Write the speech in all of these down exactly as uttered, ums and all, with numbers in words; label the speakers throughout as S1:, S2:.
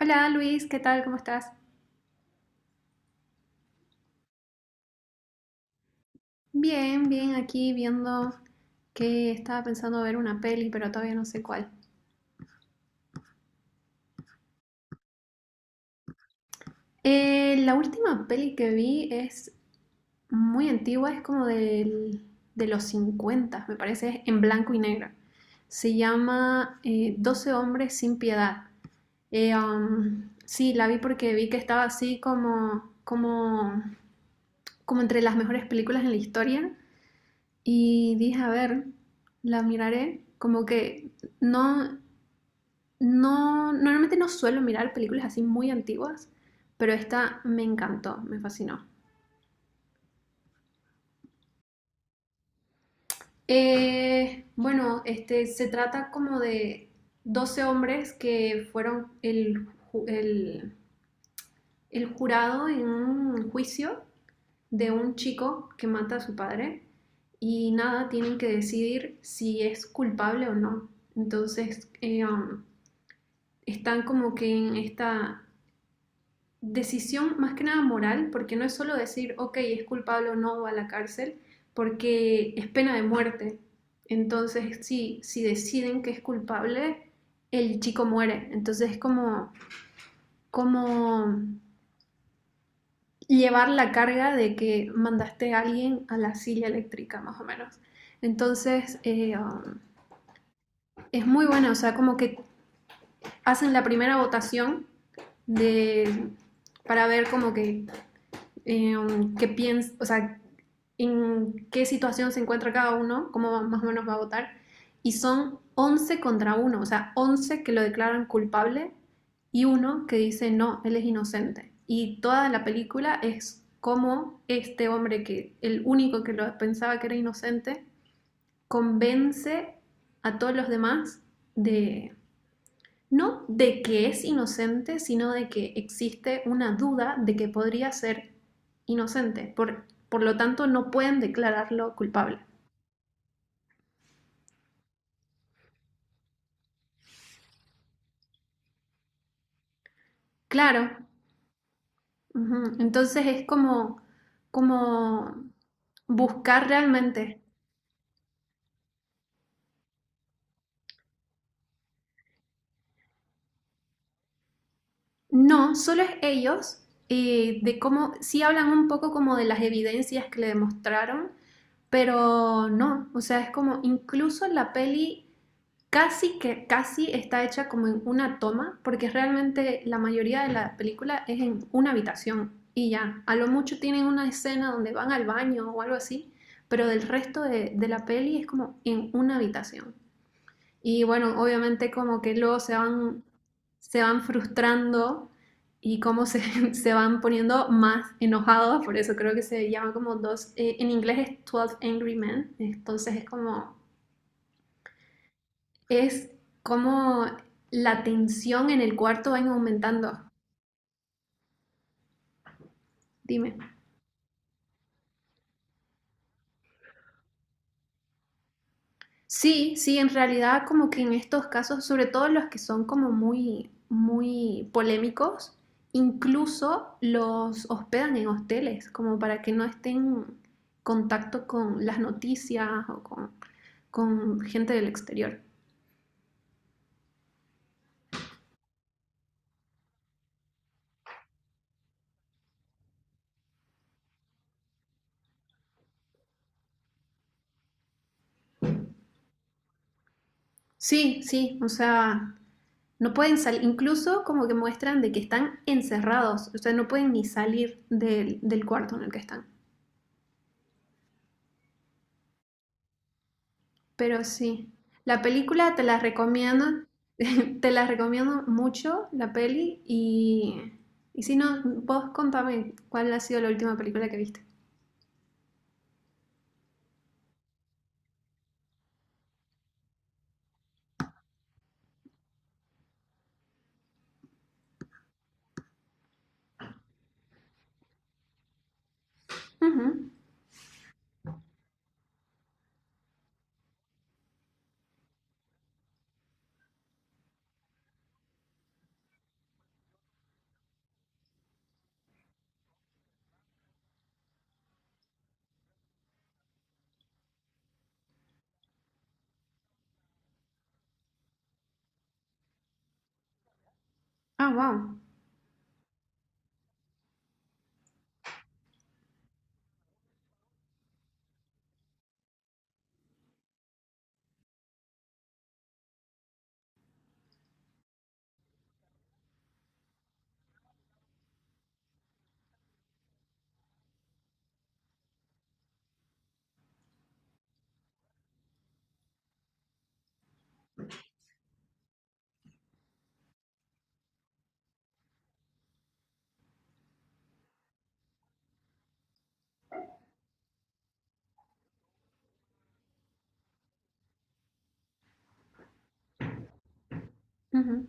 S1: Hola Luis, ¿qué tal? ¿Cómo estás? Bien, bien, aquí viendo que estaba pensando ver una peli, pero todavía no sé cuál. Eh, la última peli que vi es muy antigua, es como del- de los cincuenta, me parece, es en blanco y negro. Se llama eh, doce hombres sin piedad. Eh, um, sí, la vi porque vi que estaba así como, como, como entre las mejores películas en la historia. Y dije, a ver, la miraré. Como que no, no, normalmente no suelo mirar películas así muy antiguas, pero esta me encantó, me fascinó. Eh, bueno, este, se trata como de doce hombres que fueron el, ju- el- el jurado en un juicio de un chico que mata a su padre y nada, tienen que decidir si es culpable o no. Entonces, eh, um, están como que en esta decisión más que nada moral, porque no es solo decir, ok, es culpable o no va a la cárcel, porque es pena de muerte. Entonces, sí, si deciden que es culpable, el chico muere. Entonces es como, como llevar la carga de que mandaste a alguien a la silla eléctrica, más o menos. Entonces, eh, um, es muy buena, o sea, como que hacen la primera votación de, para ver como que em, qué piens, o sea, en qué situación se encuentra cada uno, cómo va- más o menos va a votar. Y son once contra uno, o sea, once que lo declaran culpable y uno que dice, no, él es inocente. Y toda la película es cómo este hombre, que el único que lo pensaba que era inocente, convence a todos los demás de, no de que es inocente, sino de que existe una duda de que podría ser inocente. Por, por lo tanto, no pueden declararlo culpable. Claro. Ujú, entonces es como, como buscar realmente. No, solo es ellos, eh, de cómo, sí hablan un poco como de las evidencias que le demostraron, pero no, o sea, es como incluso la peli casi que casi está hecha como en una toma, porque realmente la mayoría de la película es en una habitación y ya. A lo mucho tienen una escena donde van al baño o algo así, pero del resto de, de la peli es como en una habitación. Y bueno, obviamente como que luego se van, se van frustrando y cómo se, se van poniendo más enojados, por eso creo que se llama como dos, eh, en inglés es Twelve Angry Men, entonces es como es cómo la tensión en el cuarto va aumentando. Dime. Sí, sí, en realidad como que en estos casos, sobre todo los que son como muy, muy polémicos, incluso los hospedan en hosteles, como para que no estén en contacto con las noticias o con, con gente del exterior. Sí, sí, o sea, no pueden salir, incluso como que muestran de que están encerrados, o sea, no pueden ni salir del, del cuarto en el que están. Pero sí, la película te la recomiendo, te la recomiendo mucho, la peli, y, y si no, vos contame cuál ha sido la última película que viste. Ujú. Ah, wow. Ujú.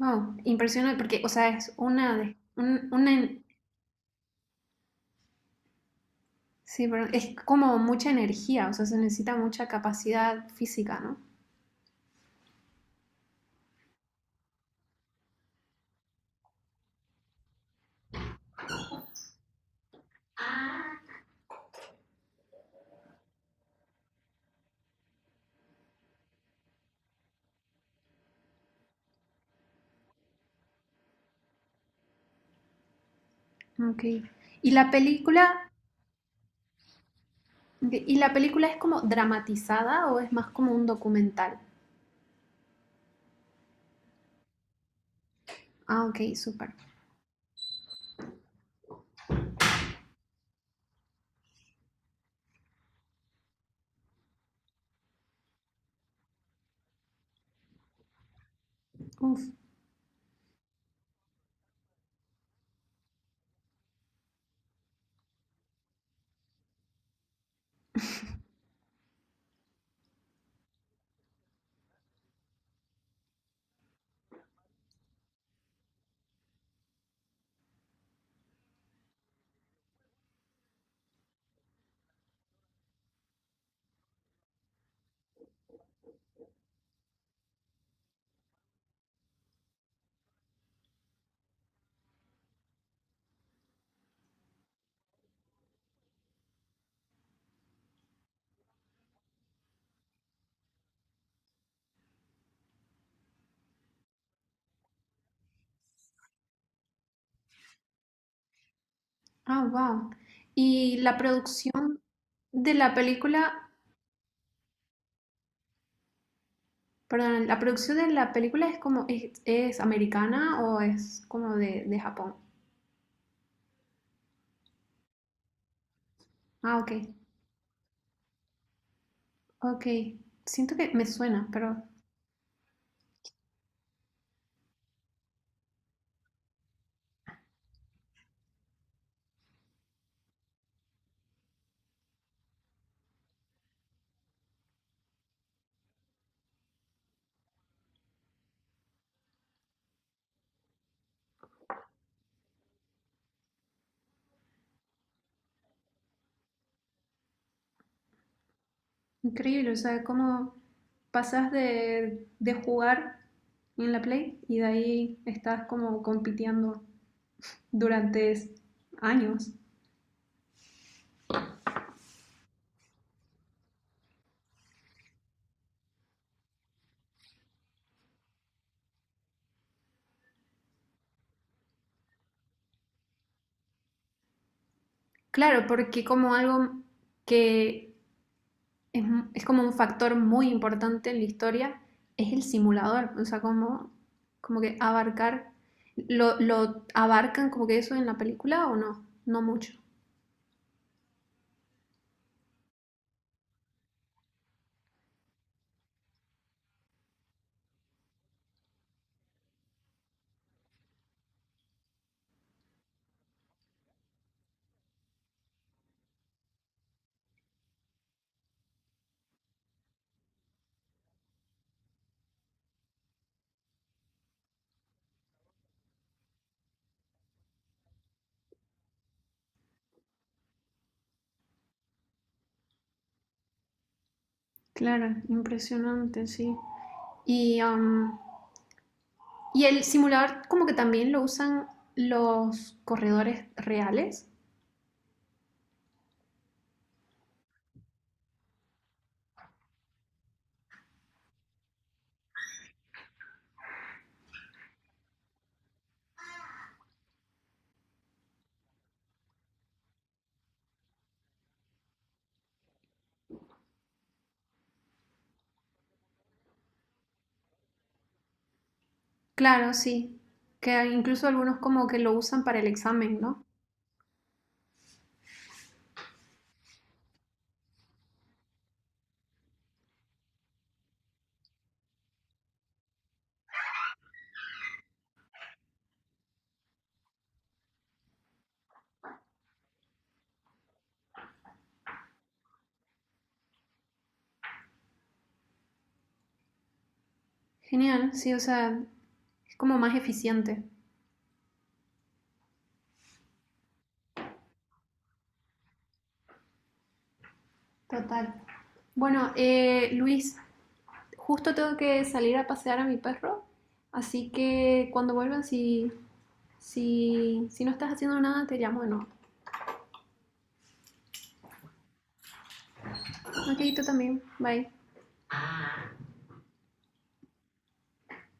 S1: Wow, impresionante, porque, o sea, es una, de- un- una, en- sí, pero es como mucha energía, o sea, se necesita mucha capacidad física, ¿no? Okay. ¿Y la película, y la película es como dramatizada o es más como un documental? Ah, ok, súper. Uf. Ah, wow. ¿Y la producción de la película, perdón, la producción de la película es como, es, es americana o es como de, de Japón? Ah, ok, ok. Siento que me suena, pero increíble, o sea, cómo pasas de, de jugar en la Play y de ahí estás como compitiendo durante años. Claro, porque como algo que es, es, como un factor muy importante en la historia es el simulador, o sea, como, como que abarcar, lo, lo abarcan como que eso en la película o no, no mucho. Claro, impresionante, sí. Y, um, y el simulador como que también lo usan los corredores reales. Claro, sí, que incluso algunos como que lo usan para el examen, ¿no? Genial, sí, o sea, es como más eficiente. Total. Bueno, eh, Luis, justo tengo que salir a pasear a mi perro, así que cuando vuelvan, si, si, si no estás haciendo nada, te llamo de nuevo. Ok, tú también, bye.